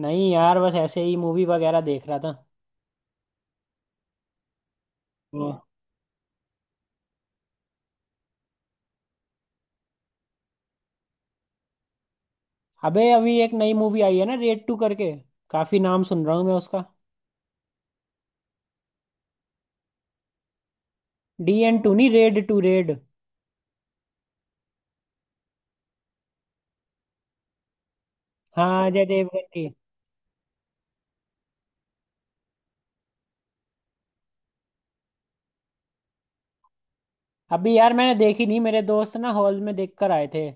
नहीं यार, बस ऐसे ही मूवी वगैरह देख रहा था। वो, अबे अभी एक नई मूवी आई है ना, रेड टू करके। काफी नाम सुन रहा हूँ मैं उसका। डी एन टू नहीं, रेड टू, रेड। हाँ, अजय देवगन की। अभी यार मैंने देखी नहीं, मेरे दोस्त ना हॉल में देख कर आए थे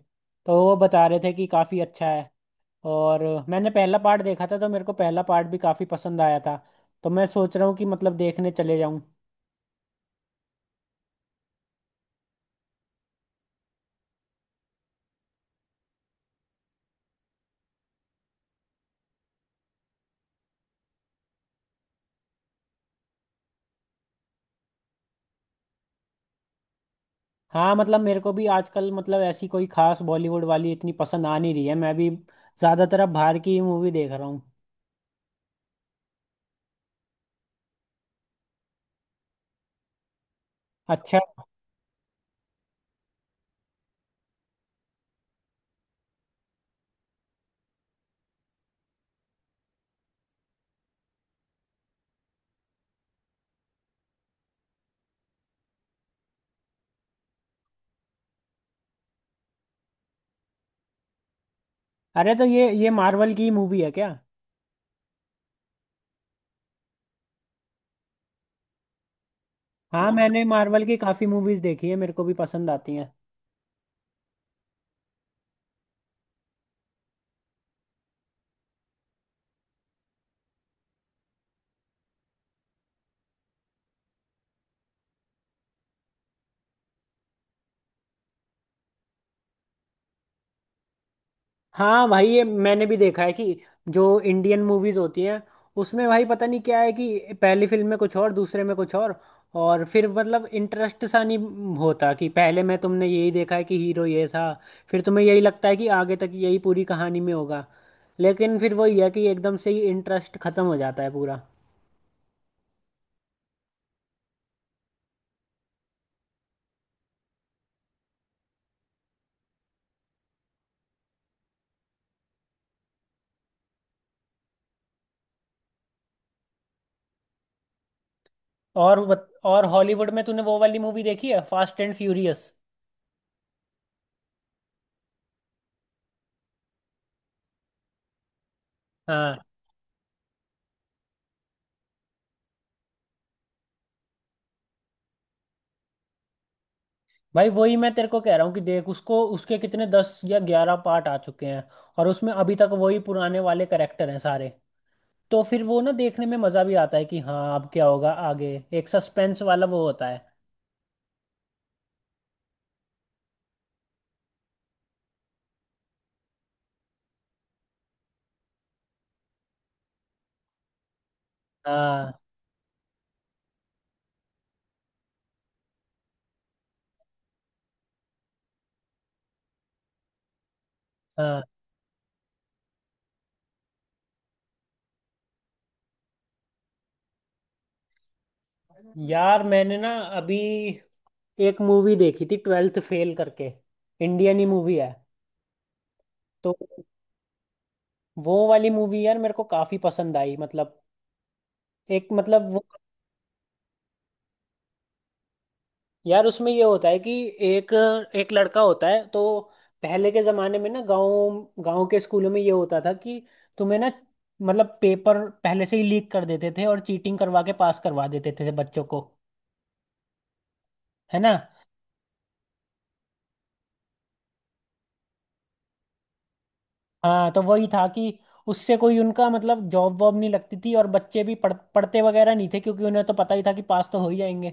तो वो बता रहे थे कि काफी अच्छा है। और मैंने पहला पार्ट देखा था तो मेरे को पहला पार्ट भी काफी पसंद आया था। तो मैं सोच रहा हूँ कि मतलब देखने चले जाऊँ। हाँ मतलब मेरे को भी आजकल मतलब ऐसी कोई खास बॉलीवुड वाली इतनी पसंद आ नहीं रही है। मैं भी ज्यादातर अब बाहर की ही मूवी देख रहा हूँ। अच्छा, अरे तो ये मार्वल की मूवी है क्या? हाँ मैंने मार्वल की काफी मूवीज देखी है, मेरे को भी पसंद आती हैं। हाँ भाई ये मैंने भी देखा है कि जो इंडियन मूवीज होती हैं, उसमें भाई पता नहीं क्या है कि पहली फिल्म में कुछ और दूसरे में कुछ और। और फिर मतलब इंटरेस्ट सा नहीं होता। कि पहले में तुमने यही देखा है कि हीरो ये था, फिर तुम्हें यही लगता है कि आगे तक यही पूरी कहानी में होगा। लेकिन फिर वही है कि एकदम से ही इंटरेस्ट खत्म हो जाता है पूरा। और हॉलीवुड में तूने वो वाली मूवी देखी है, फास्ट एंड फ्यूरियस? हाँ भाई, वही मैं तेरे को कह रहा हूँ कि देख उसको, उसके कितने 10 या 11 पार्ट आ चुके हैं। और उसमें अभी तक वही पुराने वाले करेक्टर हैं सारे। तो फिर वो ना देखने में मजा भी आता है कि हाँ अब क्या होगा आगे। एक सस्पेंस वाला वो होता है। हाँ। हाँ यार, मैंने ना अभी एक मूवी देखी थी, ट्वेल्थ फेल करके। इंडियन ही मूवी है। तो वो वाली मूवी यार मेरे को काफी पसंद आई, मतलब एक मतलब वो। यार उसमें ये होता है कि एक एक लड़का होता है। तो पहले के जमाने में ना, गांव गांव के स्कूलों में ये होता था कि तुम्हें ना, मतलब पेपर पहले से ही लीक कर देते थे, और चीटिंग करवा के पास करवा देते थे बच्चों को, है ना। हाँ तो वही था कि उससे कोई उनका मतलब जॉब वॉब नहीं लगती थी, और बच्चे भी पढ़ पढ़ते वगैरह नहीं थे क्योंकि उन्हें तो पता ही था कि पास तो हो ही जाएंगे।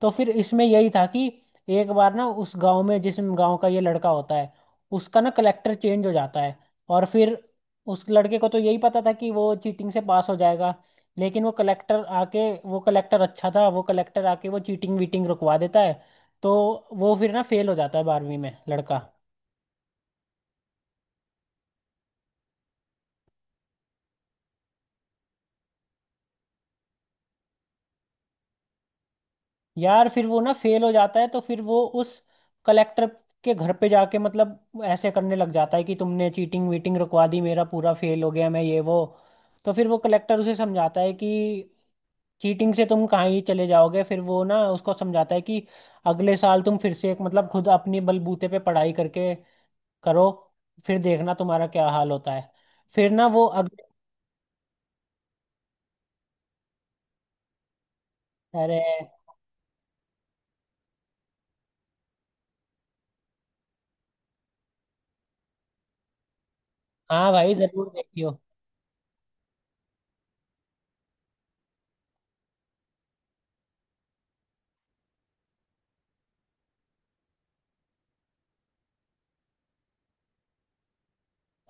तो फिर इसमें यही था कि एक बार ना उस गांव में, जिस गांव का ये लड़का होता है, उसका ना कलेक्टर चेंज हो जाता है। और फिर उस लड़के को तो यही पता था कि वो चीटिंग से पास हो जाएगा। लेकिन वो कलेक्टर आके, वो कलेक्टर अच्छा था, वो कलेक्टर आके वो चीटिंग वीटिंग रुकवा देता है। तो वो फिर ना फेल हो जाता है बारहवीं में लड़का। यार फिर वो ना फेल हो जाता है तो फिर वो उस कलेक्टर के घर पे जाके मतलब ऐसे करने लग जाता है कि तुमने चीटिंग वीटिंग रुकवा दी, मेरा पूरा फेल हो गया, मैं ये वो। तो फिर वो कलेक्टर उसे समझाता है कि चीटिंग से तुम कहाँ ही चले जाओगे। फिर वो ना उसको समझाता है कि अगले साल तुम फिर से एक मतलब खुद अपनी बलबूते पे पढ़ाई करके करो, फिर देखना तुम्हारा क्या हाल होता है। फिर ना वो अगले, अरे, हाँ भाई जरूर देखियो।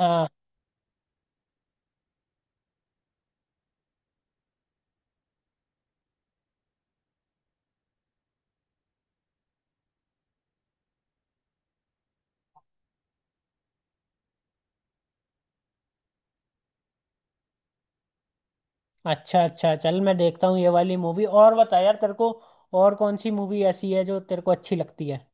हाँ, अच्छा अच्छा, चल मैं देखता हूँ ये वाली मूवी। और बता यार तेरे को और कौन सी मूवी ऐसी है जो तेरे को अच्छी लगती है।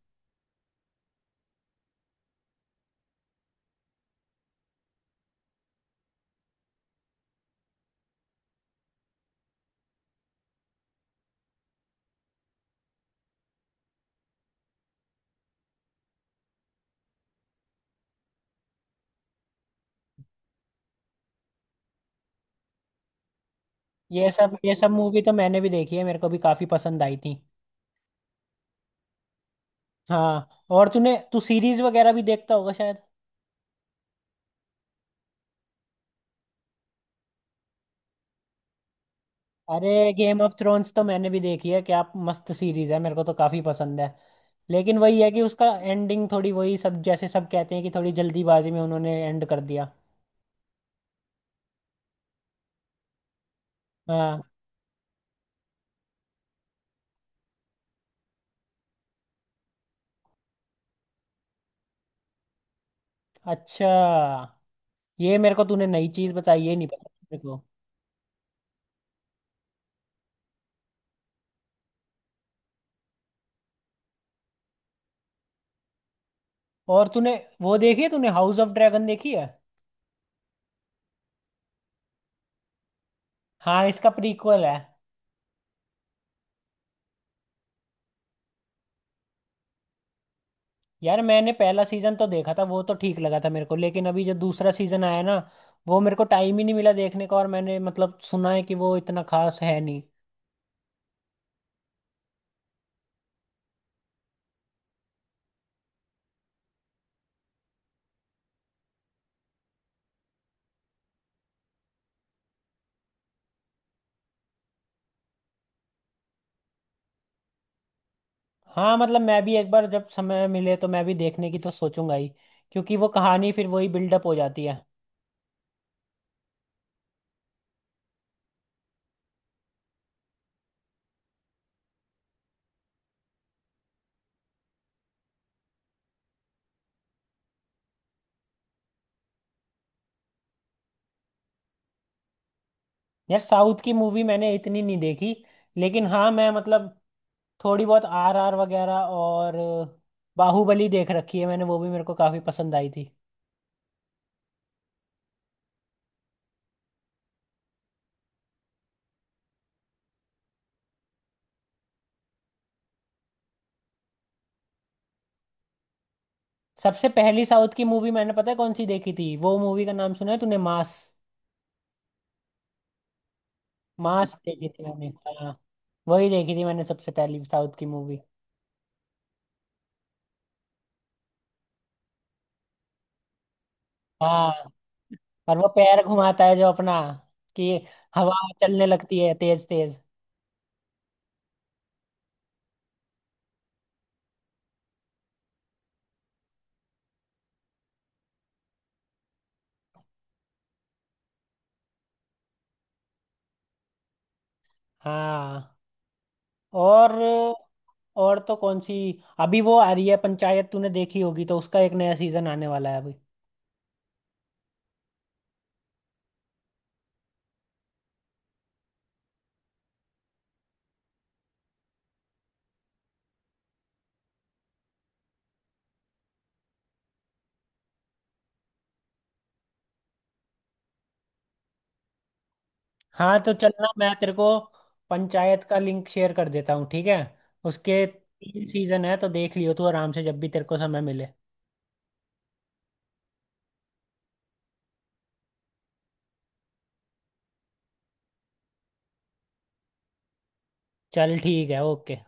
ये सब, ये सब मूवी तो मैंने भी देखी है, मेरे को भी काफी पसंद आई थी। हाँ, और तूने, तू सीरीज वगैरह भी देखता होगा शायद। अरे गेम ऑफ थ्रोन्स तो मैंने भी देखी है, क्या मस्त सीरीज है, मेरे को तो काफी पसंद है। लेकिन वही है कि उसका एंडिंग थोड़ी वही सब, जैसे सब कहते हैं कि थोड़ी जल्दीबाजी में उन्होंने एंड कर दिया। हाँ। अच्छा, ये मेरे को तूने नई चीज बताई, ये नहीं पता मेरे को। और तूने वो देखी है तूने, हाउस ऑफ ड्रैगन देखी है? हाँ इसका प्रीक्वल है। यार मैंने पहला सीजन तो देखा था, वो तो ठीक लगा था मेरे को, लेकिन अभी जो दूसरा सीजन आया ना, वो मेरे को टाइम ही नहीं मिला देखने का, और मैंने मतलब सुना है कि वो इतना खास है नहीं। हाँ मतलब मैं भी एक बार जब समय मिले तो मैं भी देखने की तो सोचूंगा ही, क्योंकि वो कहानी फिर वही बिल्डअप हो जाती है। यार साउथ की मूवी मैंने इतनी नहीं देखी, लेकिन हाँ मैं मतलब थोड़ी बहुत RRR वगैरह, और बाहुबली देख रखी है मैंने, वो भी मेरे को काफी पसंद आई थी। सबसे पहली साउथ की मूवी मैंने पता है कौन सी देखी थी, वो मूवी का नाम सुना है तूने, मास? मास देखी थी मैंने, हाँ वही देखी थी मैंने सबसे पहली साउथ की मूवी। हाँ। और वो पैर घुमाता है जो अपना, कि हवा चलने लगती है तेज तेज। हाँ। और और तो कौन सी, अभी वो आ रही है पंचायत, तूने देखी होगी, तो उसका एक नया सीजन आने वाला है अभी। हाँ तो चलना, मैं तेरे को पंचायत का लिंक शेयर कर देता हूँ, ठीक है। उसके 3 सीजन है, तो देख लियो तू आराम से जब भी तेरे को समय मिले। चल ठीक है, ओके।